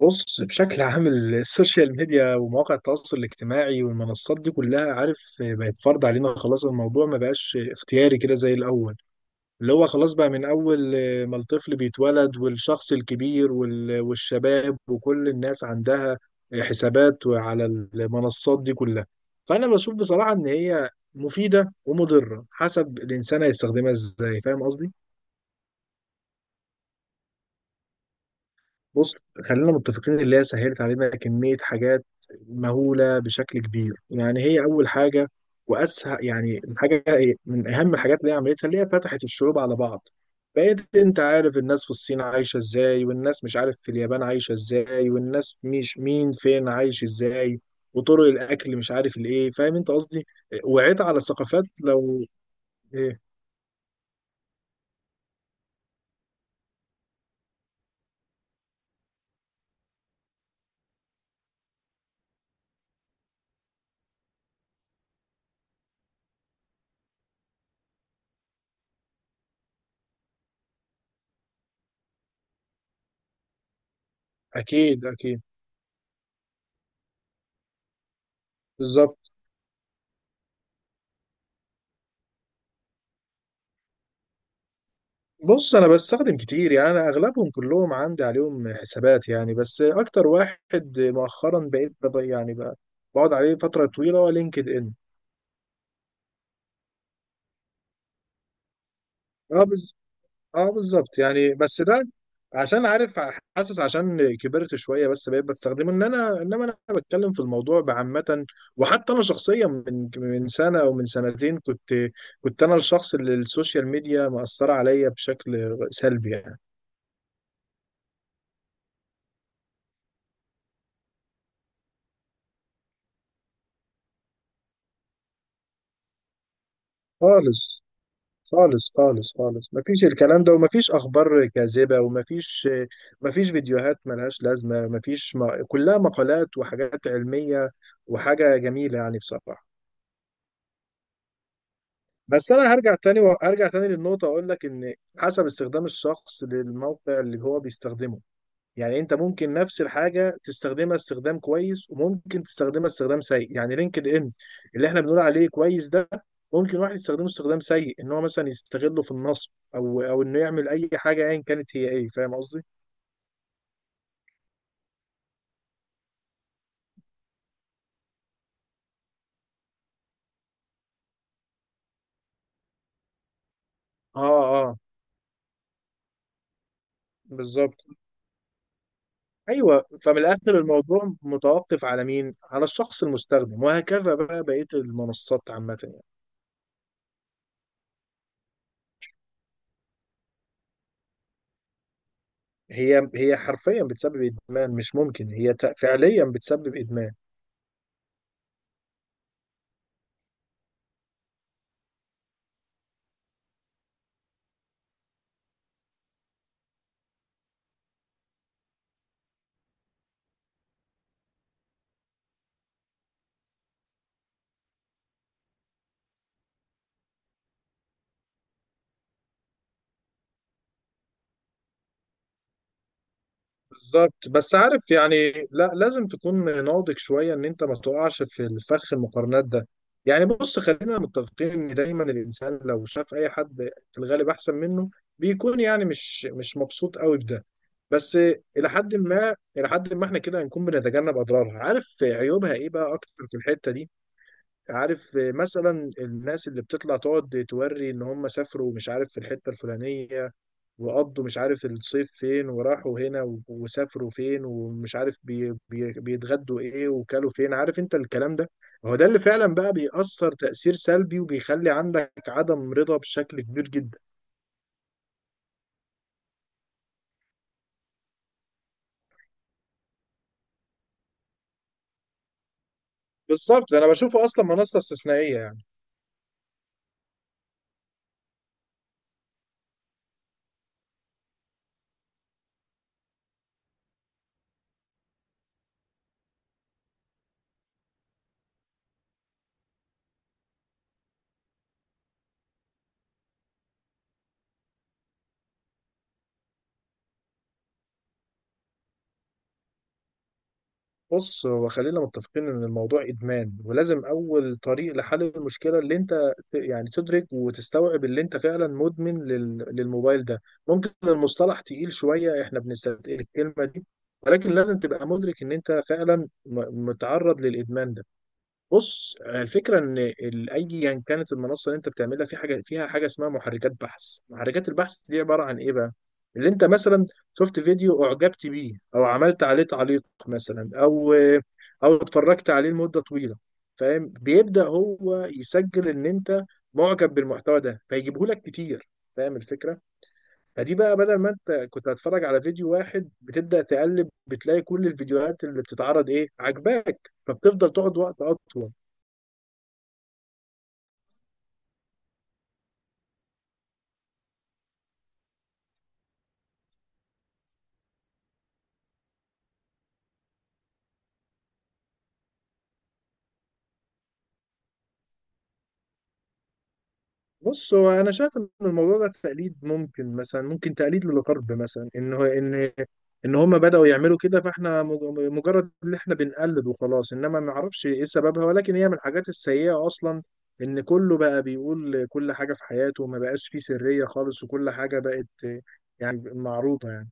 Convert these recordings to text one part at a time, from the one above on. بص، بشكل عام السوشيال ميديا ومواقع التواصل الاجتماعي والمنصات دي كلها عارف بقت فرض علينا خلاص. الموضوع ما بقاش اختياري كده زي الأول، اللي هو خلاص بقى من أول ما الطفل بيتولد والشخص الكبير والشباب وكل الناس عندها حسابات على المنصات دي كلها. فأنا بشوف بصراحة إن هي مفيدة ومضرة حسب الإنسان هيستخدمها إزاي، فاهم قصدي؟ بص، خلينا متفقين اللي هي سهلت علينا كمية حاجات مهولة بشكل كبير. يعني هي أول حاجة وأسهل، يعني الحاجة من أهم الحاجات اللي هي عملتها اللي هي فتحت الشعوب على بعض. بقيت أنت عارف الناس في الصين عايشة إزاي، والناس مش عارف في اليابان عايشة إزاي، والناس مش مين فين عايش إزاي، وطرق الأكل مش عارف الإيه، فاهم أنت قصدي. وعيت على ثقافات لو إيه. أكيد أكيد. بالظبط. بص، انا بستخدم كتير يعني، انا اغلبهم كلهم عندي عليهم حسابات يعني. بس اكتر واحد مؤخرا بقيت بقعد عليه فتره طويله هو لينكد ان. اه بز... اه بالظبط، يعني بس ده عشان عارف، حاسس عشان كبرت شويه بس بقيت بستخدمه. ان انا انما انا بتكلم في الموضوع بعامه. وحتى انا شخصيا من سنه او من سنتين كنت انا الشخص اللي السوشيال ميديا مأثره عليا بشكل سلبي يعني. خالص خالص خالص خالص، مفيش الكلام ده، ومفيش اخبار كاذبه، ومفيش مفيش فيديوهات ملهاش لازمه، مفيش ما... كلها مقالات وحاجات علميه وحاجه جميله يعني بصراحه. بس انا هرجع تاني وهرجع تاني للنقطه، اقول لك ان حسب استخدام الشخص للموقع اللي هو بيستخدمه. يعني انت ممكن نفس الحاجه تستخدمها استخدام كويس، وممكن تستخدمها استخدام سيء. يعني لينكد ان اللي احنا بنقول عليه كويس ده، ممكن واحد يستخدمه استخدام سيء ان هو مثلا يستغله في النصب، او انه يعمل اي حاجه ايا كانت هي ايه، فاهم قصدي. اه اه، بالظبط. ايوه، فمن الاخر الموضوع متوقف على مين؟ على الشخص المستخدم. وهكذا بقى بقيه المنصات عامه يعني. هي هي حرفيا بتسبب ادمان. مش ممكن، فعليا بتسبب ادمان. بالظبط. بس عارف يعني، لا، لازم تكون ناضج شويه ان انت ما تقعش في الفخ المقارنات ده. يعني بص، خلينا متفقين ان دايما الانسان لو شاف اي حد في الغالب احسن منه، بيكون يعني مش مبسوط قوي بده. بس الى حد ما، الى حد ما احنا كده هنكون بنتجنب اضرارها. عارف عيوبها ايه بقى اكتر في الحته دي؟ عارف مثلا الناس اللي بتطلع تقعد توري ان هم سافروا مش عارف في الحته الفلانيه، وقضوا مش عارف الصيف فين، وراحوا هنا وسافروا فين، ومش عارف بي بيتغدوا ايه وكلوا فين، عارف انت الكلام ده. هو ده اللي فعلا بقى بيأثر تأثير سلبي، وبيخلي عندك عدم رضا بشكل كبير جدا. بالظبط، انا بشوفه اصلا منصة استثنائية يعني. بص، هو خلينا متفقين ان الموضوع ادمان. ولازم اول طريق لحل المشكله اللي انت تدرك وتستوعب اللي انت فعلا مدمن للموبايل ده. ممكن المصطلح تقيل شويه، احنا بنستثقل الكلمه دي، ولكن لازم تبقى مدرك ان انت فعلا متعرض للادمان ده. بص، الفكره ان ايا كانت المنصه اللي انت بتعملها، في حاجه فيها حاجه اسمها محركات بحث. محركات البحث دي عباره عن ايه بقى؟ اللي انت مثلا شفت فيديو اعجبت بيه، او عملت عليه تعليق مثلا، او او اتفرجت عليه لمده طويله، فاهم، بيبدا هو يسجل ان انت معجب بالمحتوى ده فيجيبه لك كتير، فاهم الفكره. فدي بقى بدل ما انت كنت هتتفرج على فيديو واحد، بتبدا تقلب، بتلاقي كل الفيديوهات اللي بتتعرض ايه عجباك، فبتفضل تقعد وقت اطول. بص، هو انا شايف ان الموضوع ده تقليد، ممكن مثلا ممكن تقليد للغرب مثلا، ان هو ان ان هم بداوا يعملوا كده، فاحنا مجرد ان احنا بنقلد وخلاص. انما ما اعرفش ايه سببها، ولكن هي من الحاجات السيئه اصلا، ان كله بقى بيقول كل حاجه في حياته وما بقاش فيه سريه خالص، وكل حاجه بقت يعني معروضه يعني.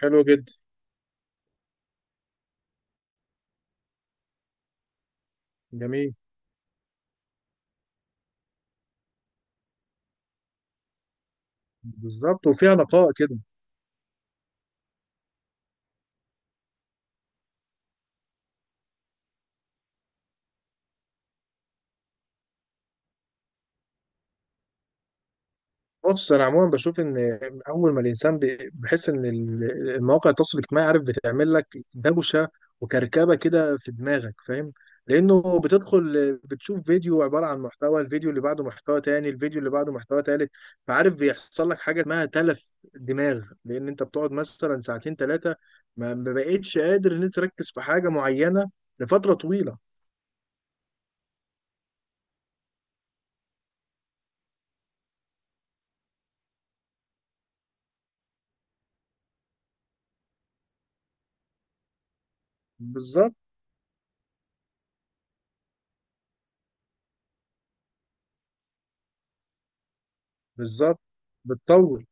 حلو جدا. جميل. بالظبط، وفيها نقاء كده. بص، انا عموما بشوف ان اول ما الانسان بحس ان المواقع التواصل الاجتماعي عارف بتعمل لك دوشه وكركبه كده في دماغك، فاهم، لانه بتدخل بتشوف فيديو عباره عن محتوى، الفيديو اللي بعده محتوى تاني، الفيديو اللي بعده محتوى تالت. فعارف بيحصل لك حاجه اسمها تلف دماغ، لان انت بتقعد مثلا ساعتين ثلاثه، ما بقتش قادر ان انت تركز في حاجه معينه لفتره طويله. بالظبط. بالظبط، بتطول.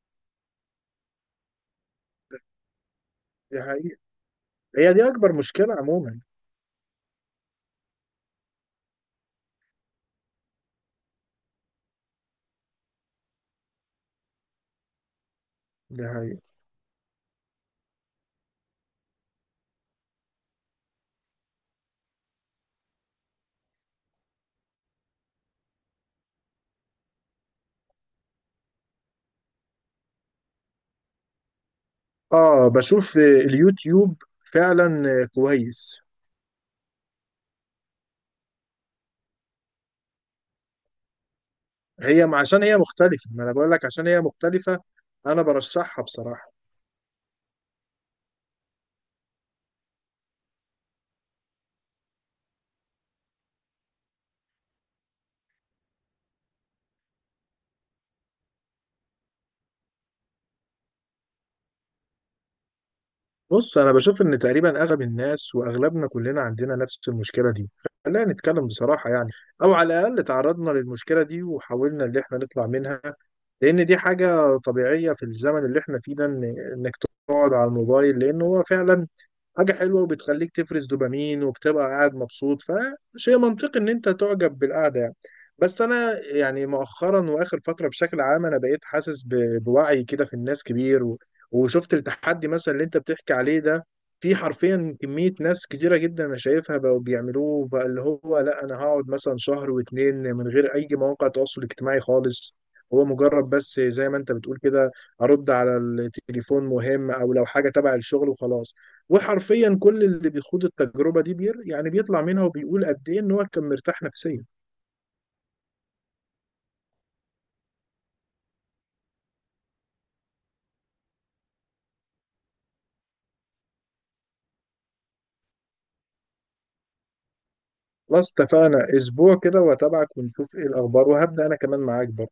دي حقيقة. هي دي اكبر مشكله عموما. دي حقيقة. اه، بشوف اليوتيوب فعلا كويس. هي عشان هي مختلفة، ما انا بقول لك عشان هي مختلفة. انا برشحها بصراحة. بص، انا بشوف ان تقريبا اغلب الناس واغلبنا كلنا عندنا نفس المشكلة دي، خلينا نتكلم بصراحة يعني. او على الاقل تعرضنا للمشكلة دي وحاولنا ان احنا نطلع منها، لان دي حاجة طبيعية في الزمن اللي احنا فيه ده، انك تقعد على الموبايل، لان هو فعلا حاجة حلوة وبتخليك تفرز دوبامين وبتبقى قاعد مبسوط. فشيء منطقي ان انت تعجب بالقعدة يعني. بس انا يعني مؤخرا واخر فترة بشكل عام، انا بقيت حاسس بوعي كده في الناس كبير وشفت التحدي مثلا اللي انت بتحكي عليه ده. في حرفيا كمية ناس كتيرة جدا انا شايفها بقوا بيعملوه بقى، اللي هو لا، انا هقعد مثلا شهر واتنين من غير اي مواقع تواصل اجتماعي خالص. هو مجرد بس زي ما انت بتقول كده، ارد على التليفون مهم، او لو حاجة تبع الشغل، وخلاص. وحرفيا كل اللي بيخوض التجربه دي بير يعني بيطلع منها وبيقول قد ايه ان هو كان مرتاح نفسيا. خلاص، اتفقنا، اسبوع كده واتابعك ونشوف ايه الاخبار، وهبدا انا كمان معاك برضه.